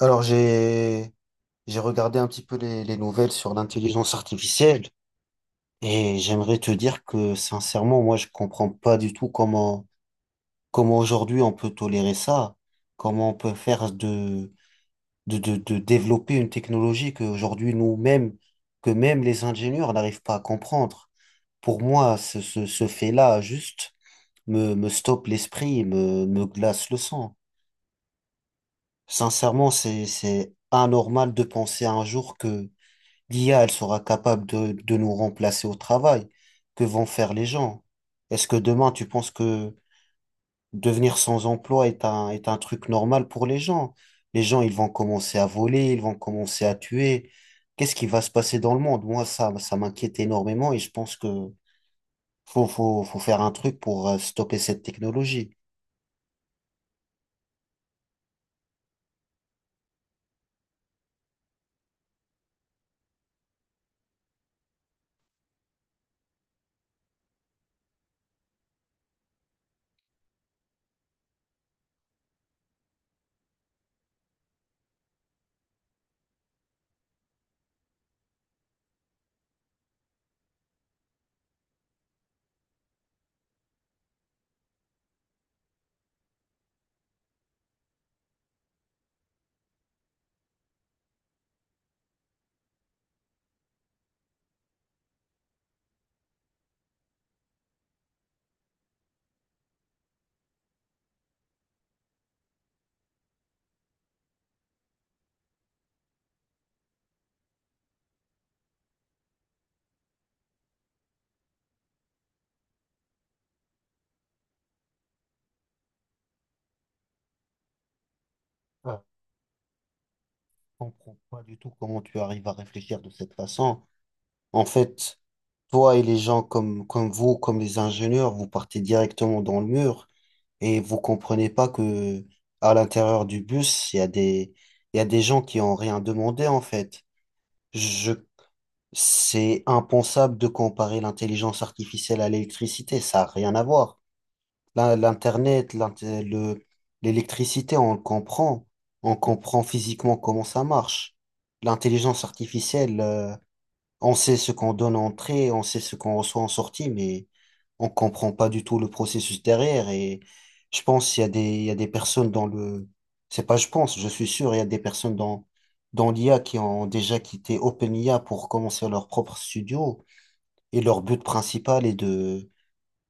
Alors j'ai regardé un petit peu les nouvelles sur l'intelligence artificielle et j'aimerais te dire que sincèrement moi je comprends pas du tout comment aujourd'hui on peut tolérer ça, comment on peut faire de développer une technologie que aujourd'hui nous-mêmes que même les ingénieurs n'arrivent pas à comprendre. Pour moi ce fait-là juste me stoppe l'esprit, me glace le sang. Sincèrement c'est anormal de penser un jour que l'IA, elle sera capable de nous remplacer au travail. Que vont faire les gens? Est-ce que demain, tu penses que devenir sans emploi est un truc normal pour les gens? Les gens, ils vont commencer à voler, ils vont commencer à tuer. Qu'est-ce qui va se passer dans le monde? Moi, ça m'inquiète énormément et je pense que faut faire un truc pour stopper cette technologie. Ah, Je comprends pas du tout comment tu arrives à réfléchir de cette façon. En fait, toi et les gens comme vous, comme les ingénieurs, vous partez directement dans le mur et vous comprenez pas que à l'intérieur du bus, il y a des gens qui ont rien demandé, en fait. Je, c'est impensable de comparer l'intelligence artificielle à l'électricité. Ça n'a rien à voir. Là, l'Internet, l'électricité, on le comprend. On comprend physiquement comment ça marche. L'intelligence artificielle, on sait ce qu'on donne en entrée, on sait ce qu'on reçoit en sortie, mais on comprend pas du tout le processus derrière. Et je pense qu'il y a des, il y a des personnes c'est pas je pense, je suis sûr, il y a des personnes dans l'IA qui ont déjà quitté OpenIA pour commencer leur propre studio. Et leur but principal est de,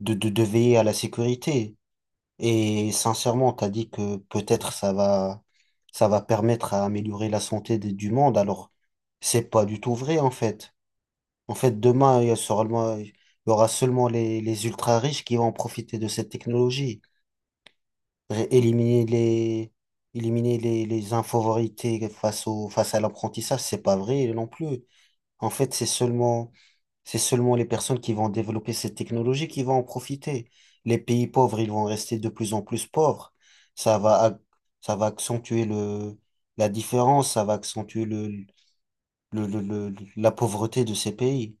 de, de, de veiller à la sécurité. Et sincèrement, t'as dit que peut-être ça va permettre à améliorer la santé du monde. Alors, c'est pas du tout vrai, en fait. En fait, demain, il y aura seulement les ultra-riches qui vont profiter de cette technologie. Éliminer éliminer les infavorités face face à l'apprentissage, c'est pas vrai non plus. En fait, c'est seulement les personnes qui vont développer cette technologie qui vont en profiter. Les pays pauvres, ils vont rester de plus en plus pauvres. Ça va, ac- Ça va accentuer la différence, ça va accentuer le, le- la pauvreté de ces pays.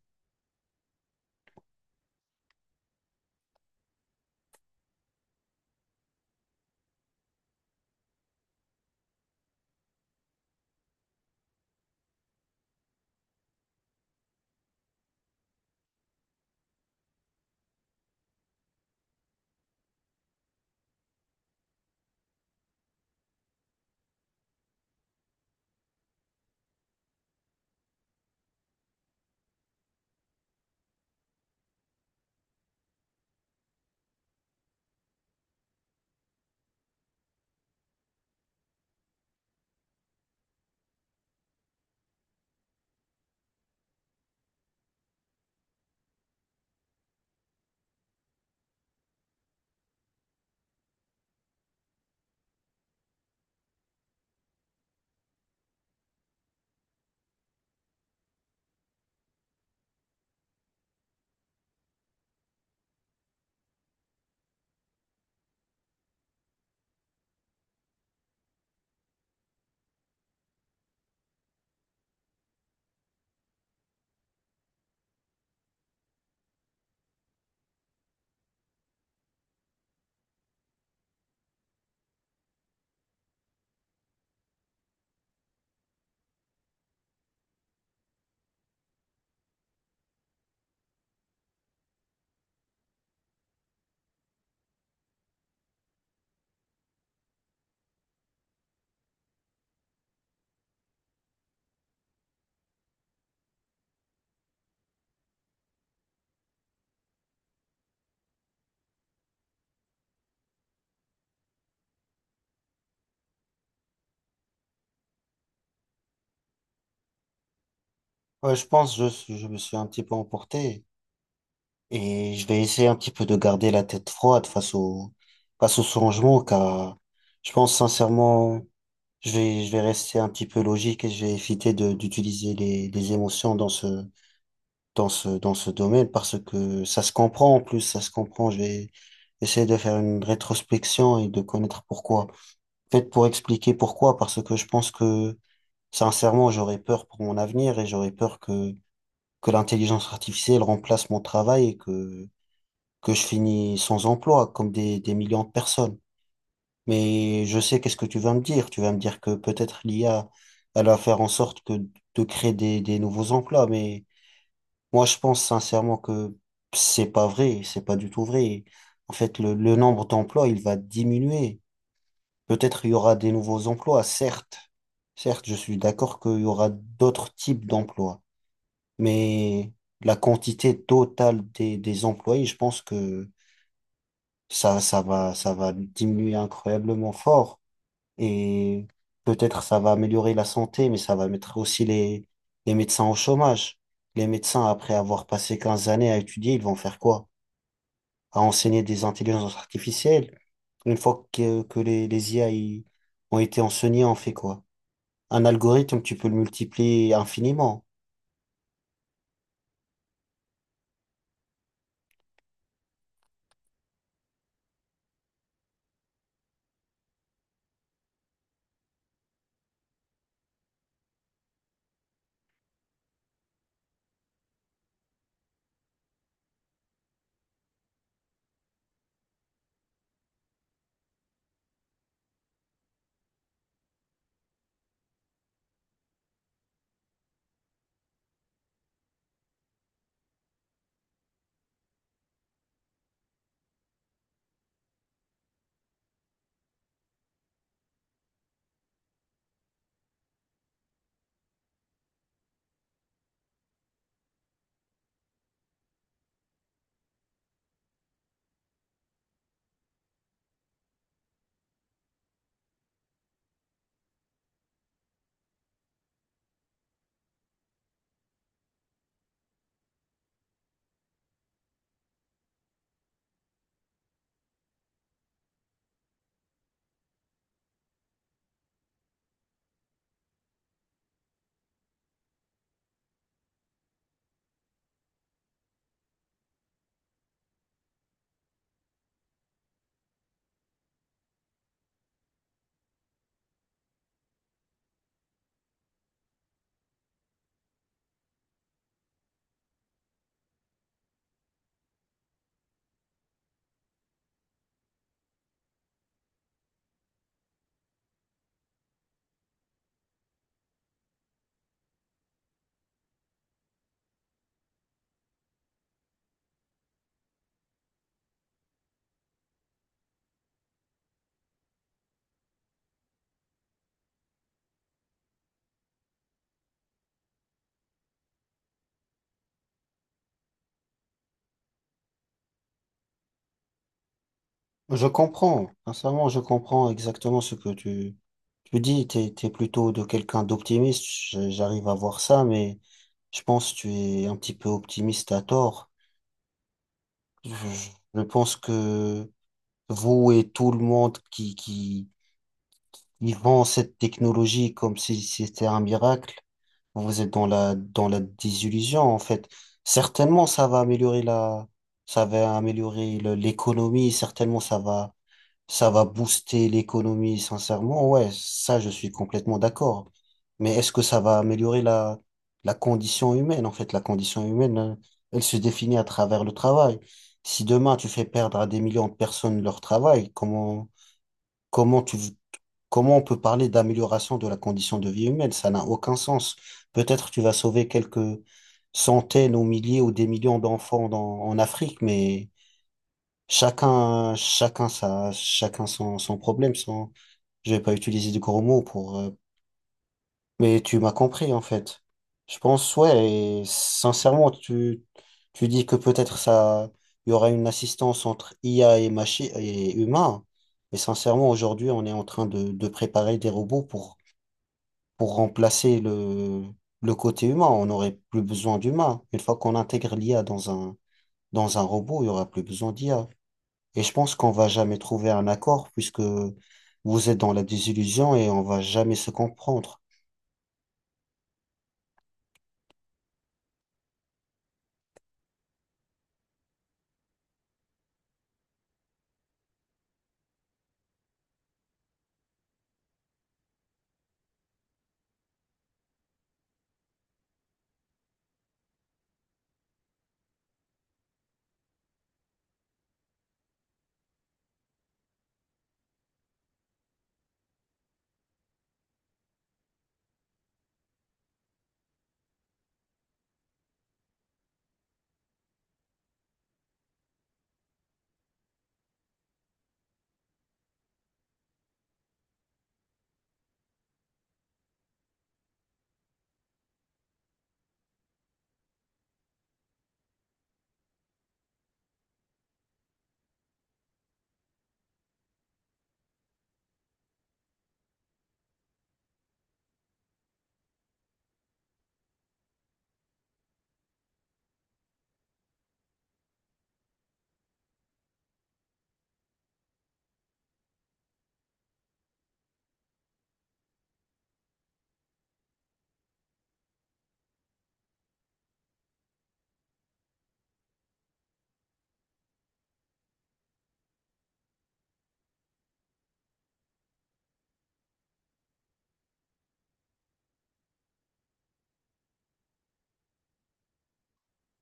Ouais, je pense, je me suis un petit peu emporté et je vais essayer un petit peu de garder la tête froide face au changement car je pense sincèrement, je vais rester un petit peu logique et je vais éviter d'utiliser les émotions dans ce domaine parce que ça se comprend en plus, ça se comprend. Je vais essayer de faire une rétrospection et de connaître pourquoi. Peut-être pour expliquer pourquoi, parce que je pense que sincèrement, j'aurais peur pour mon avenir et j'aurais peur que l'intelligence artificielle remplace mon travail et que je finis sans emploi comme des millions de personnes. Mais je sais qu'est-ce que tu vas me dire. Tu vas me dire que peut-être l'IA, elle va faire en sorte que de créer des nouveaux emplois, mais moi, je pense sincèrement que c'est pas vrai, c'est pas du tout vrai. En fait, le nombre d'emplois, il va diminuer. Peut-être il y aura des nouveaux emplois, certes. Certes, je suis d'accord qu'il y aura d'autres types d'emplois, mais la quantité totale des employés, je pense que ça va diminuer incroyablement fort. Et peut-être ça va améliorer la santé, mais ça va mettre aussi les médecins au chômage. Les médecins, après avoir passé 15 années à étudier, ils vont faire quoi? À enseigner des intelligences artificielles. Une fois que les IA ont été enseignés, on fait quoi? Un algorithme, tu peux le multiplier infiniment. Je comprends, sincèrement, je comprends exactement ce que tu dis. T'es plutôt de quelqu'un d'optimiste, j'arrive à voir ça, mais je pense que tu es un petit peu optimiste à tort. Je, je pense que vous et tout le monde qui vend cette technologie comme si c'était un miracle, vous êtes dans la désillusion, en fait. Certainement, ça va améliorer l'économie, certainement, ça va booster l'économie, sincèrement, ouais, ça, je suis complètement d'accord. Mais est-ce que ça va améliorer la, la condition humaine? En fait, la condition humaine, elle se définit à travers le travail. Si demain, tu fais perdre à des millions de personnes leur travail, comment tu, comment on peut parler d'amélioration de la condition de vie humaine? Ça n'a aucun sens. Peut-être tu vas sauver quelques centaines ou milliers ou des millions d'enfants en Afrique, mais chacun son problème, je j'ai pas utilisé de gros mots pour, mais tu m'as compris en fait. Je pense, ouais, et sincèrement, tu dis que peut-être ça, il y aura une assistance entre IA et machi et humain. Mais sincèrement, aujourd'hui, on est en train de préparer des robots pour remplacer le côté humain. On n'aurait plus besoin d'humain. Une fois qu'on intègre l'IA dans un robot, il y aura plus besoin d'IA. Et je pense qu'on va jamais trouver un accord puisque vous êtes dans la désillusion et on va jamais se comprendre.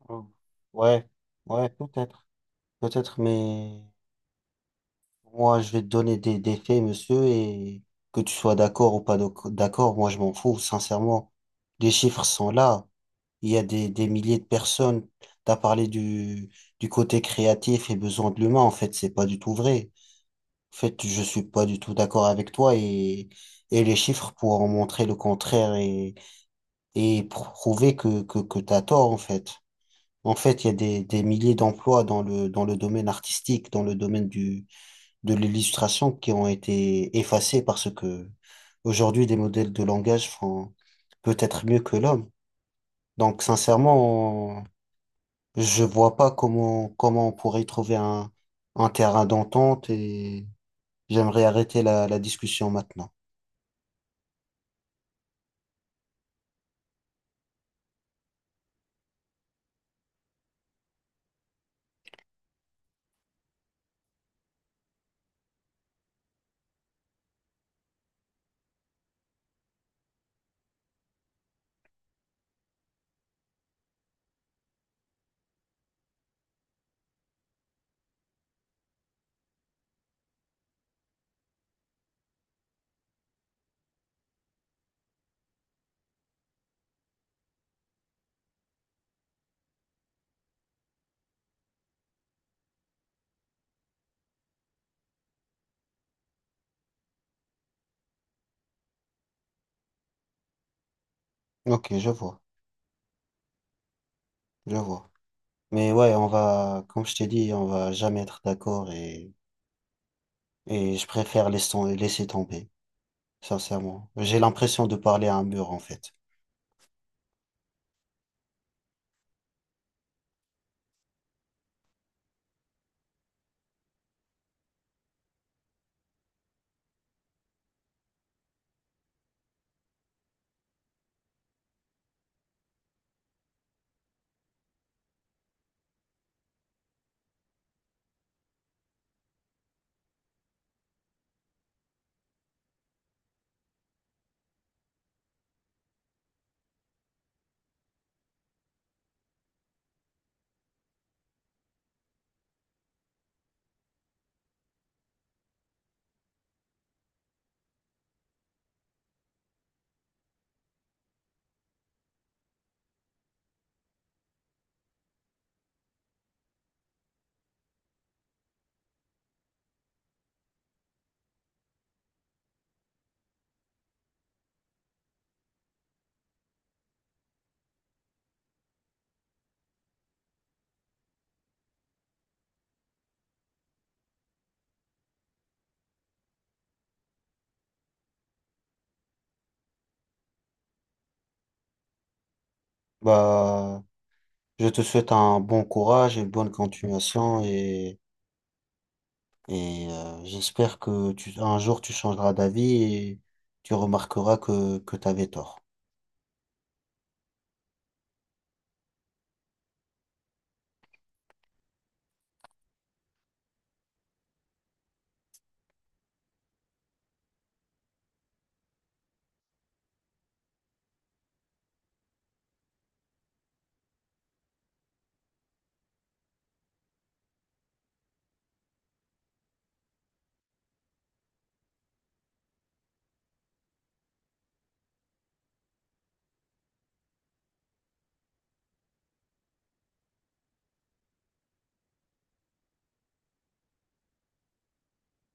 Hmm. Ouais, ouais, peut-être, mais moi, je vais te donner des faits, monsieur, et que tu sois d'accord ou pas doc- d'accord, moi, je m'en fous, sincèrement. Les chiffres sont là. Il y a des milliers de personnes. T'as parlé du côté créatif et besoin de l'humain. En fait, c'est pas du tout vrai. En fait, je suis pas du tout d'accord avec toi et les chiffres pour en montrer le contraire et prouver que t'as tort, en fait. En fait, il y a des milliers d'emplois dans le domaine artistique, dans le domaine du, de l'illustration qui ont été effacés parce que aujourd'hui, des modèles de langage font peut-être mieux que l'homme. Donc, sincèrement, je vois pas comment on pourrait trouver un terrain d'entente et j'aimerais arrêter la discussion maintenant. Ok, je vois, je vois. Mais ouais, on va, comme je t'ai dit, on va jamais être d'accord et je préfère laisser, laisser tomber. Sincèrement. J'ai l'impression de parler à un mur, en fait. Bah, je te souhaite un bon courage, une bonne continuation et j'espère que un jour tu changeras d'avis et tu remarqueras que tu avais tort.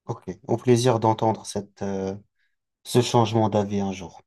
Ok, au plaisir d'entendre cette, ce changement d'avis un jour.